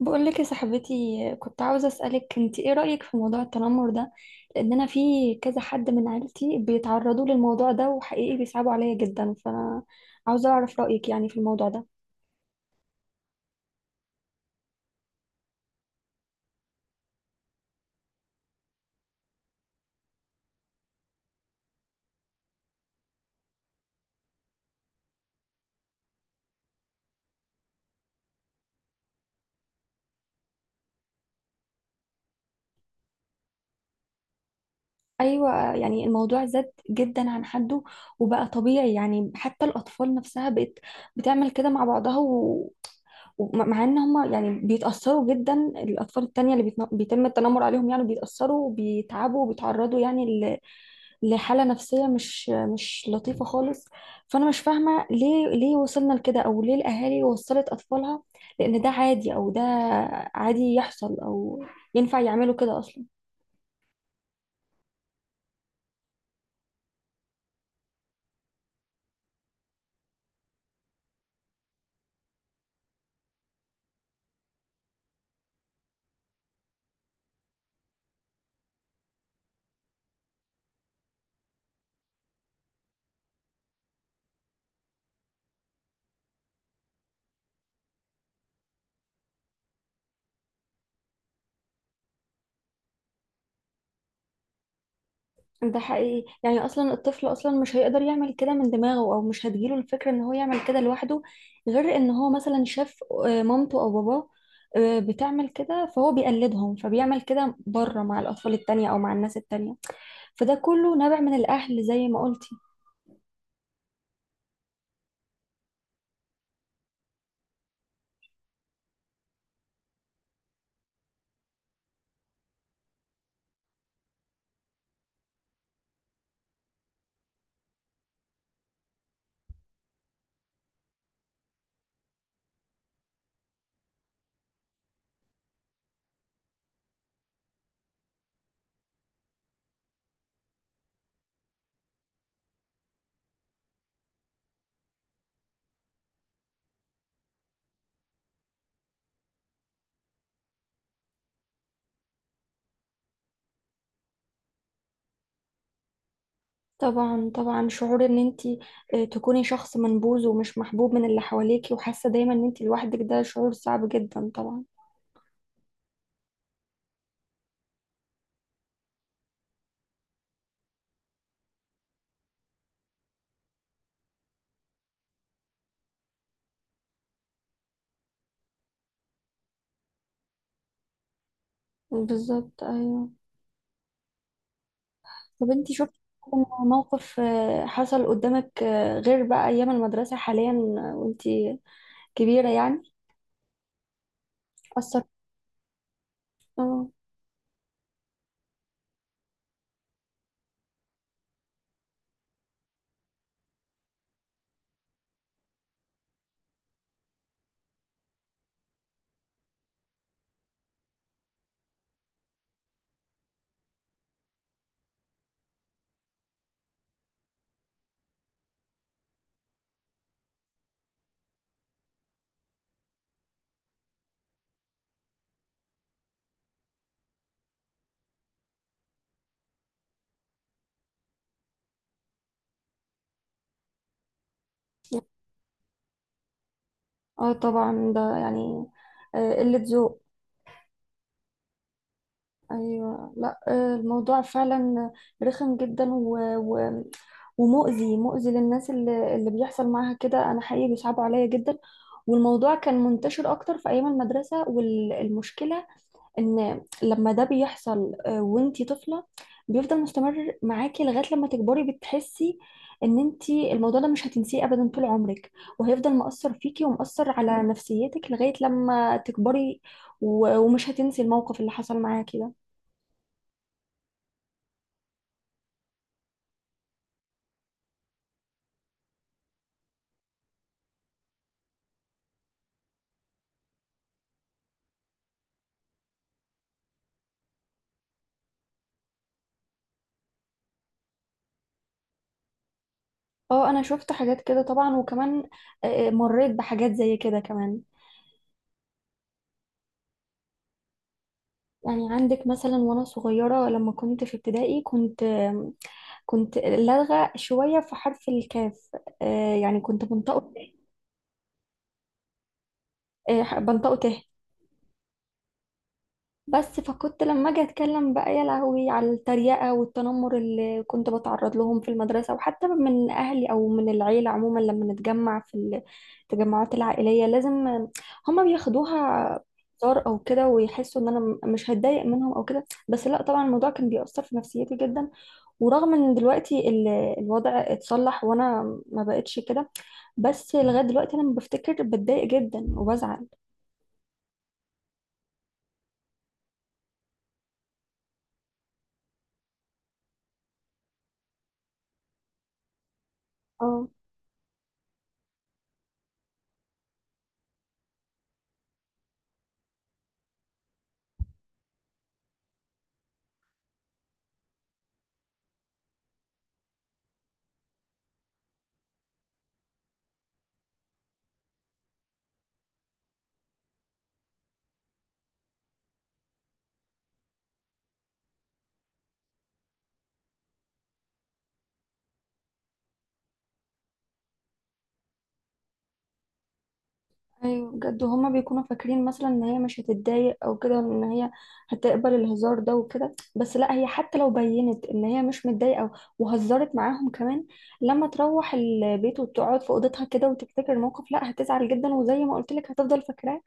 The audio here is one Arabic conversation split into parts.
بقولك يا صاحبتي، كنت عاوزة أسألك انت ايه رأيك في موضوع التنمر ده؟ لأن أنا في كذا حد من عيلتي بيتعرضوا للموضوع ده، وحقيقي بيصعبوا عليا جدا. فأنا عاوزة أعرف رأيك يعني في الموضوع ده. أيوة، يعني الموضوع زاد جدا عن حده وبقى طبيعي. يعني حتى الأطفال نفسها بقت بتعمل كده مع بعضها و... ومع ان هما يعني بيتأثروا جدا. الأطفال التانية اللي بيتم التنمر عليهم يعني بيتأثروا وبيتعبوا وبيتعرضوا يعني لحالة نفسية مش لطيفة خالص. فأنا مش فاهمة ليه وصلنا لكده؟ أو ليه الأهالي وصلت أطفالها لأن ده عادي؟ أو ده عادي يحصل؟ أو ينفع يعملوا كده أصلا؟ ده حقيقي. يعني أصلا الطفل أصلا مش هيقدر يعمل كده من دماغه، أو مش هتجيله الفكرة إن هو يعمل كده لوحده، غير إن هو مثلا شاف مامته أو باباه بتعمل كده، فهو بيقلدهم فبيعمل كده بره مع الأطفال التانية أو مع الناس التانية. فده كله نابع من الأهل زي ما قلت. طبعا طبعا، شعور ان انت تكوني شخص منبوذ ومش محبوب من اللي حواليكي وحاسه دايما ان انت لوحدك، ده شعور صعب جدا طبعا. بالظبط، ايوه. طب انت شفتي موقف حصل قدامك غير بقى ايام المدرسه، حاليا وانت كبيره يعني، اثر؟ اه. اه طبعا، ده يعني قله ذوق. ايوه، لا الموضوع فعلا رخم جدا و... و... ومؤذي مؤذي للناس اللي بيحصل معاها كده. انا حقيقي بيصعبوا عليا جدا. والموضوع كان منتشر اكتر في ايام المدرسه. والمشكله ان لما ده بيحصل وانتي طفله، بيفضل مستمر معاكي لغايه لما تكبري. بتحسي ان انتي الموضوع ده مش هتنسيه ابدا طول عمرك، وهيفضل مأثر فيكي ومأثر على نفسيتك لغايه لما تكبري، و... ومش هتنسي الموقف اللي حصل معاكي ده. اه، انا شفت حاجات كده طبعا. وكمان مريت بحاجات زي كده كمان. يعني عندك مثلا، وانا صغيرة لما كنت في ابتدائي، كنت لدغة شوية في حرف الكاف. يعني كنت بنطقه بنطقه ت. بس فكنت لما اجي اتكلم بقى يا لهوي على التريقه والتنمر اللي كنت بتعرض لهم في المدرسه، وحتى من اهلي او من العيله عموما لما نتجمع في التجمعات العائليه. لازم هما بياخدوها هزار او كده، ويحسوا ان انا مش هتضايق منهم او كده. بس لا، طبعا الموضوع كان بيأثر في نفسيتي جدا. ورغم ان دلوقتي الوضع اتصلح، وانا ما بقتش كده، بس لغايه دلوقتي انا لما بفتكر بتضايق جدا وبزعل. اه. ايوه بجد، هما بيكونوا فاكرين مثلا ان هي مش هتتضايق او كده، ان هي هتقبل الهزار ده وكده. بس لا، هي حتى لو بينت ان هي مش متضايقه وهزرت معاهم كمان، لما تروح البيت وتقعد في اوضتها كده وتفتكر الموقف، لا هتزعل جدا. وزي ما قلت لك هتفضل فاكراه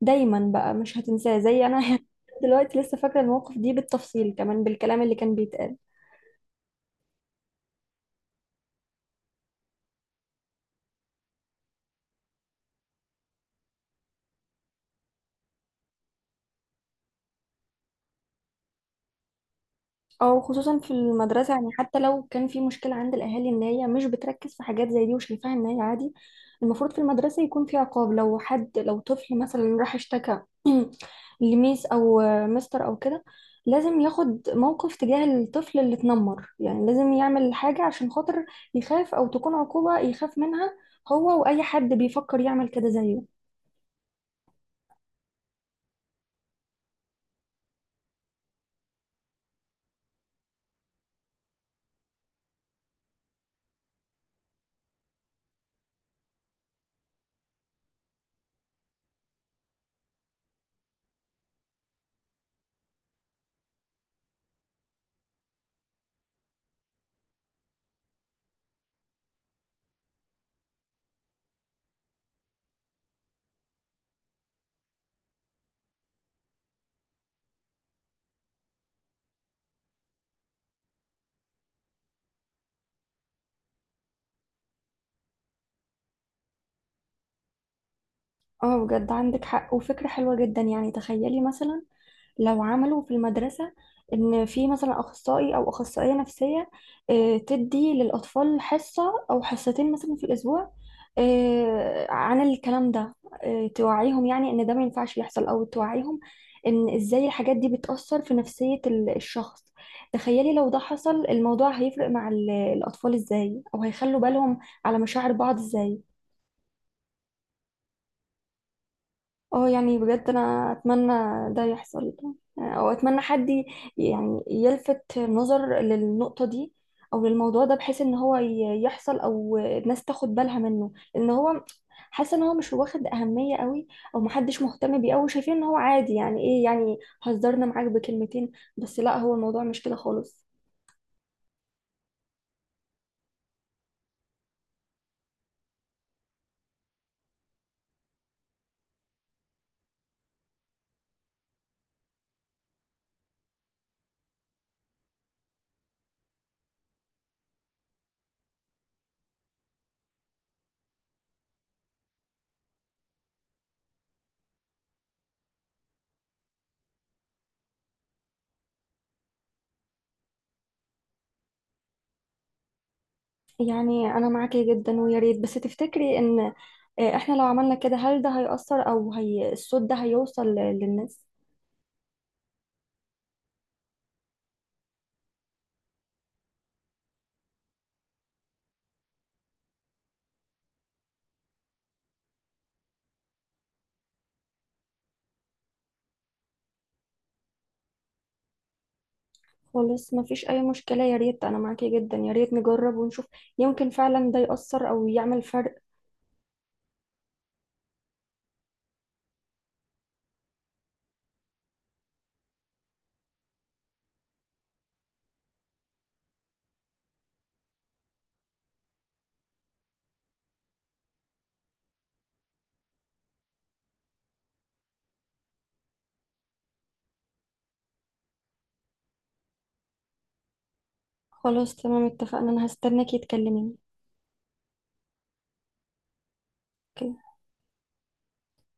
دايما بقى، مش هتنساه. زي انا دلوقتي لسه فاكره الموقف دي بالتفصيل كمان، بالكلام اللي كان بيتقال. او خصوصا في المدرسه، يعني حتى لو كان في مشكله عند الاهالي ان هي مش بتركز في حاجات زي دي وشايفاها ان هي عادي، المفروض في المدرسه يكون في عقاب. لو طفل مثلا راح اشتكى لميس او مستر او كده، لازم ياخد موقف تجاه الطفل اللي اتنمر. يعني لازم يعمل حاجه عشان خاطر يخاف، او تكون عقوبه يخاف منها هو واي حد بيفكر يعمل كده زيه. اه بجد، عندك حق وفكره حلوه جدا. يعني تخيلي مثلا لو عملوا في المدرسة إن في مثلا أخصائي أو أخصائية نفسية تدي للأطفال حصة أو حصتين مثلا في الأسبوع عن الكلام ده، توعيهم يعني إن ده ما ينفعش يحصل، أو توعيهم إن إزاي الحاجات دي بتأثر في نفسية الشخص. تخيلي لو ده حصل، الموضوع هيفرق مع الأطفال إزاي، أو هيخلوا بالهم على مشاعر بعض إزاي. اه يعني بجد انا اتمنى ده يحصل، او اتمنى حد يعني يلفت نظر للنقطة دي، او للموضوع ده، بحيث ان هو يحصل، او الناس تاخد بالها منه. لان هو حاسه ان هو مش واخد اهمية قوي، او محدش مهتم بيه قوي. شايفين ان هو عادي، يعني ايه يعني هزرنا معاك بكلمتين؟ بس لا، هو الموضوع مش كده خالص. يعني انا معاكي جدا، ويا ريت بس تفتكري ان احنا لو عملنا كده هل ده هيأثر، او هي الصوت ده هيوصل للناس؟ خلاص مفيش أي مشكلة. يا ريت، أنا معاكي جدا. يا ريت نجرب ونشوف، يمكن فعلا ده يأثر أو يعمل فرق. خلاص، تمام اتفقنا. أنا هستناكي تكلميني. أوكي.